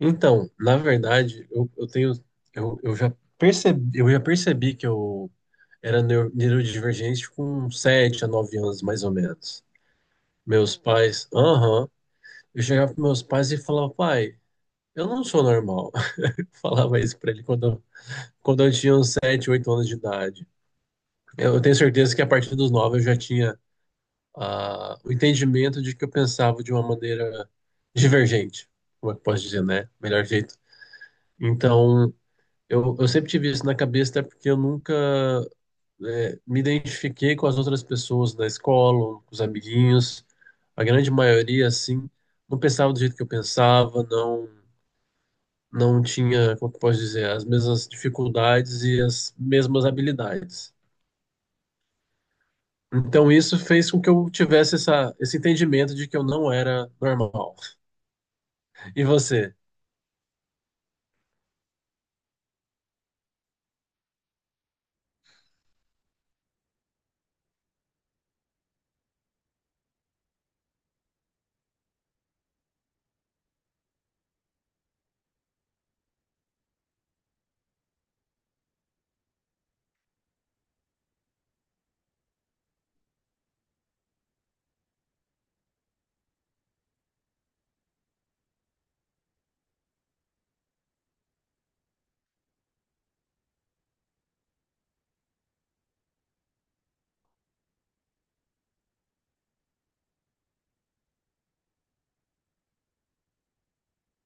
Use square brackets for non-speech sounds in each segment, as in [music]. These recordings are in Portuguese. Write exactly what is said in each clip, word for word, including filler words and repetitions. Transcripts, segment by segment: Então, na verdade, eu, eu tenho, eu, eu já percebi, eu já percebi que eu era neu- neurodivergente com sete a nove anos, mais ou menos. Meus pais, aham, eu chegava para meus pais e falava: pai, eu não sou normal. [laughs] Falava isso para ele quando, eu- quando eu tinha uns sete, oito anos de idade. Eu, eu tenho certeza que a partir dos nove eu já tinha, ah, o entendimento de que eu pensava de uma maneira divergente, como é que eu posso dizer, né? Melhor jeito. Então, Eu, eu sempre tive isso na cabeça, até porque eu nunca, é, me identifiquei com as outras pessoas da escola, com os amiguinhos. A grande maioria, assim, não pensava do jeito que eu pensava, não, não tinha, como que eu posso dizer, as mesmas dificuldades e as mesmas habilidades. Então, isso fez com que eu tivesse essa, esse entendimento de que eu não era normal. E você?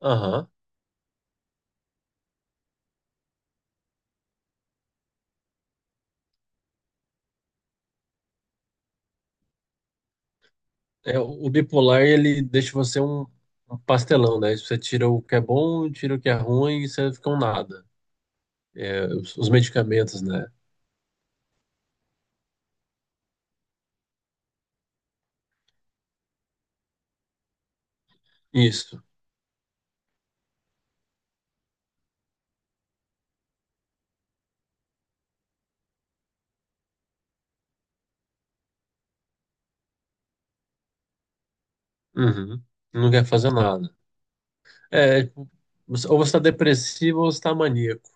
Aham. É, o o bipolar, ele deixa você um, um pastelão, né? Você tira o que é bom, tira o que é ruim e você fica um nada. É, os, os medicamentos, né? Isso. Uhum. Não quer fazer nada. É, tipo, você- ou você está depressivo ou você tá maníaco,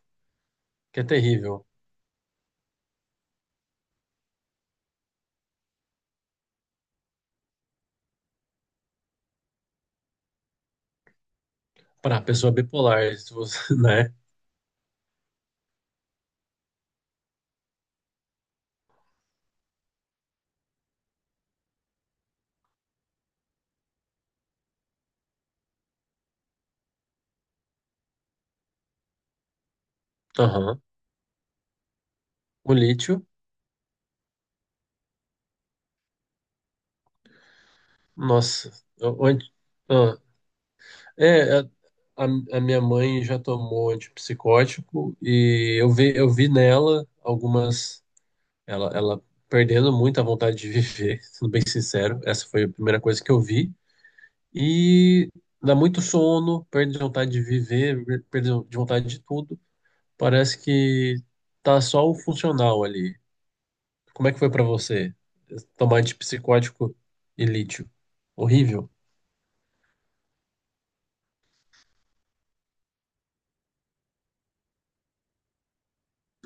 que é terrível para a pessoa bipolar, se você, [laughs] né? Aham. O lítio, nossa. O- o anti- ah. É, a, a a minha mãe já tomou antipsicótico e eu vi, eu vi nela algumas, Ela, ela perdendo muito a vontade de viver, [laughs] sendo bem sincero. Essa foi a primeira coisa que eu vi. E dá muito sono, perde vontade de viver, perde de vontade de tudo. Parece que tá só o funcional ali. Como é que foi pra você? Tomar antipsicótico e lítio. Horrível.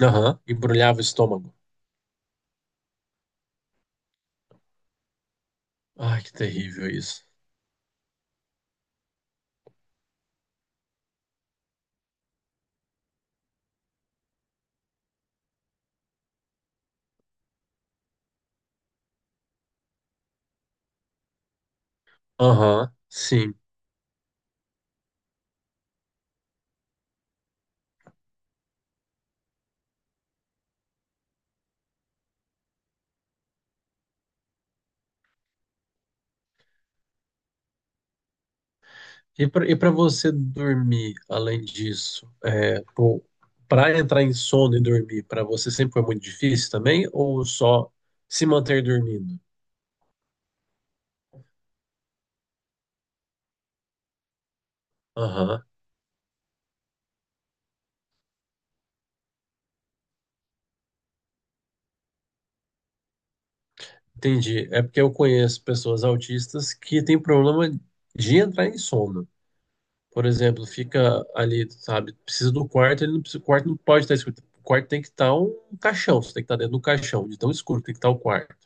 Aham. Embrulhava o estômago. Ai, que terrível isso. Aham, sim. E para e para você dormir, além disso, é, para entrar em sono e dormir, para você sempre foi muito difícil também, ou só se manter dormindo? Aham, entendi. É porque eu conheço pessoas autistas que têm problema de entrar em sono. Por exemplo, fica ali, sabe, precisa do quarto, ele não precisa, o quarto não pode estar escuro. O quarto tem que estar um caixão, você tem que estar dentro do caixão, de tão escuro que tem que estar o quarto.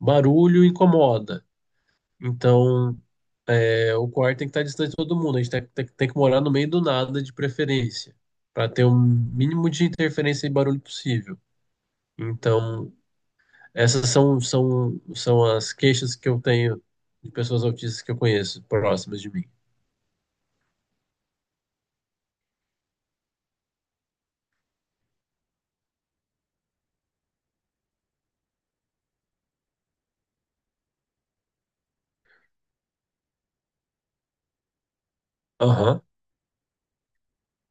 Barulho incomoda. Então, É, o quarto tem que estar distante de todo mundo. A gente tem, tem- tem que morar no meio do nada, de preferência, para ter o mínimo de interferência e barulho possível. Então, essas são, são, são as queixas que eu tenho de pessoas autistas que eu conheço, próximas de mim. Aham.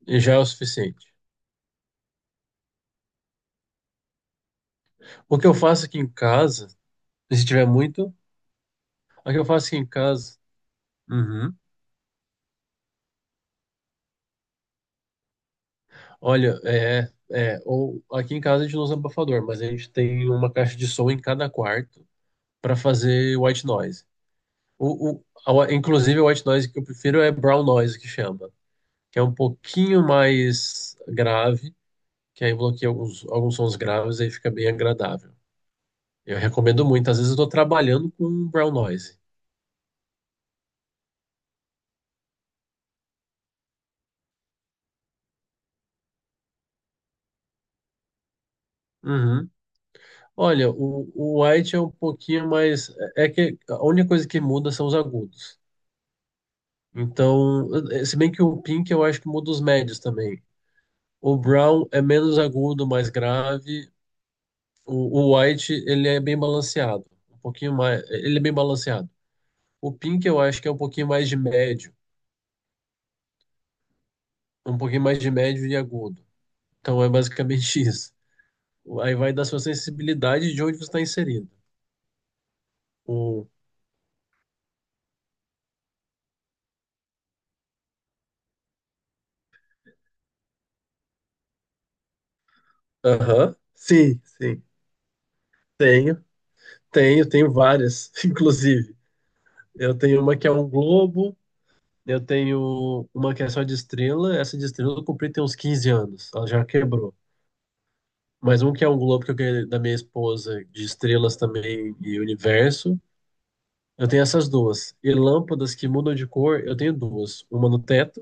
E já é o suficiente. O que eu faço aqui em casa, se tiver muito, o que eu faço aqui em casa, uhum, olha, é, é, ou aqui em casa a gente não usa abafador, mas a gente tem uma caixa de som em cada quarto para fazer white noise. O, o, a- Inclusive, o white noise que eu prefiro é brown noise, que chama, que é um pouquinho mais grave, que aí bloqueia alguns, alguns sons graves e aí fica bem agradável. Eu recomendo muito. Às vezes eu estou trabalhando com brown noise. Uhum. Olha, o, o white é um pouquinho mais. É é que a única coisa que muda são os agudos. Então, eh, se bem que o pink eu acho que muda os médios também. O brown é menos agudo, mais grave. O, o white, ele é bem balanceado. Um pouquinho mais. Ele é bem balanceado. O pink, eu acho que é um pouquinho mais de médio. Um pouquinho mais de médio e agudo. Então é basicamente [laughs] isso. Aí vai da sua sensibilidade de onde você está inserido. O... Aham. Sim, sim. Tenho, tenho, tenho várias, [laughs] inclusive. Eu tenho uma que é um globo, eu tenho uma que é só de estrela. Essa de estrela eu comprei tem uns quinze anos. Ela já quebrou. Mas um que é um globo que eu ganhei da minha esposa, de estrelas também e universo. Eu tenho essas duas. E lâmpadas que mudam de cor, eu tenho duas. Uma no teto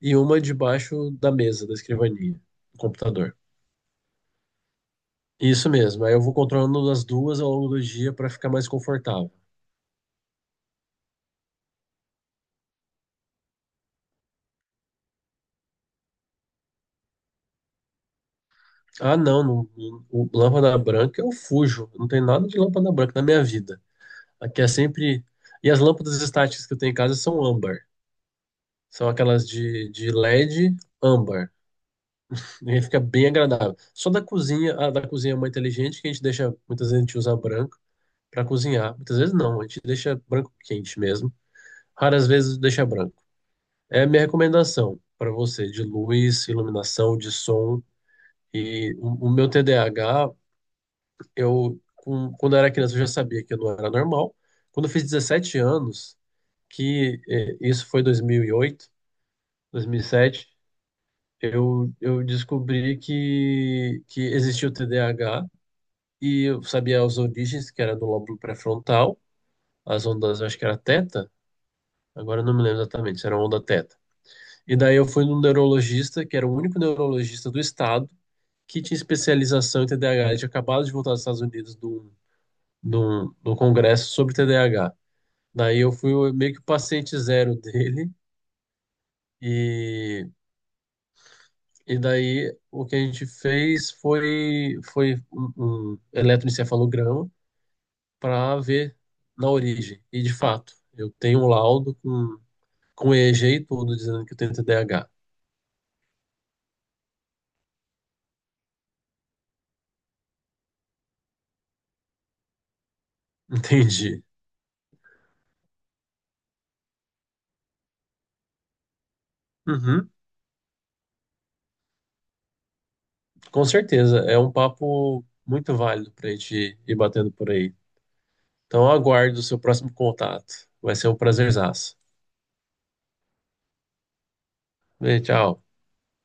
e uma debaixo da mesa, da escrivaninha, do computador. Isso mesmo. Aí eu vou controlando as duas ao longo do dia para ficar mais confortável. Ah, não, não, não. O lâmpada branca eu fujo. Não tem nada de lâmpada branca na minha vida. Aqui é sempre. E as lâmpadas estáticas que eu tenho em casa são âmbar. São aquelas de, de LED âmbar. E fica bem agradável. Só da cozinha, a da cozinha é muito inteligente, que a gente deixa, muitas vezes a gente usa branco para cozinhar. Muitas vezes não, a gente deixa branco quente mesmo. Raras vezes deixa branco. É a minha recomendação para você de luz, iluminação, de som. E o, o meu T D A H, eu com- quando eu era criança eu já sabia que não era normal. Quando eu fiz dezessete anos, que eh, isso foi dois dois mil mil e oito, dois mil e sete, eu, eu descobri que, que existia o T D A H. E eu sabia as origens, que era do lóbulo pré-frontal, as ondas, eu acho que era teta, agora eu não me lembro exatamente se era onda teta. E daí eu fui num neurologista, que era o único neurologista do estado, que tinha especialização em T D A H. Ele tinha acabado de voltar dos Estados Unidos do, do, do congresso sobre T D A H. Daí eu fui o- meio que o paciente zero dele, e, e daí o que a gente fez foi, foi um, um eletroencefalograma, para ver na origem. E de fato, eu tenho um laudo com, com E E G e G e tudo dizendo que eu tenho T D A H. [laughs] Entendi. Uhum, com certeza, é um papo muito válido para a gente ir batendo por aí. Então, aguardo o seu próximo contato. Vai ser um prazerzaço. Beijo, tchau.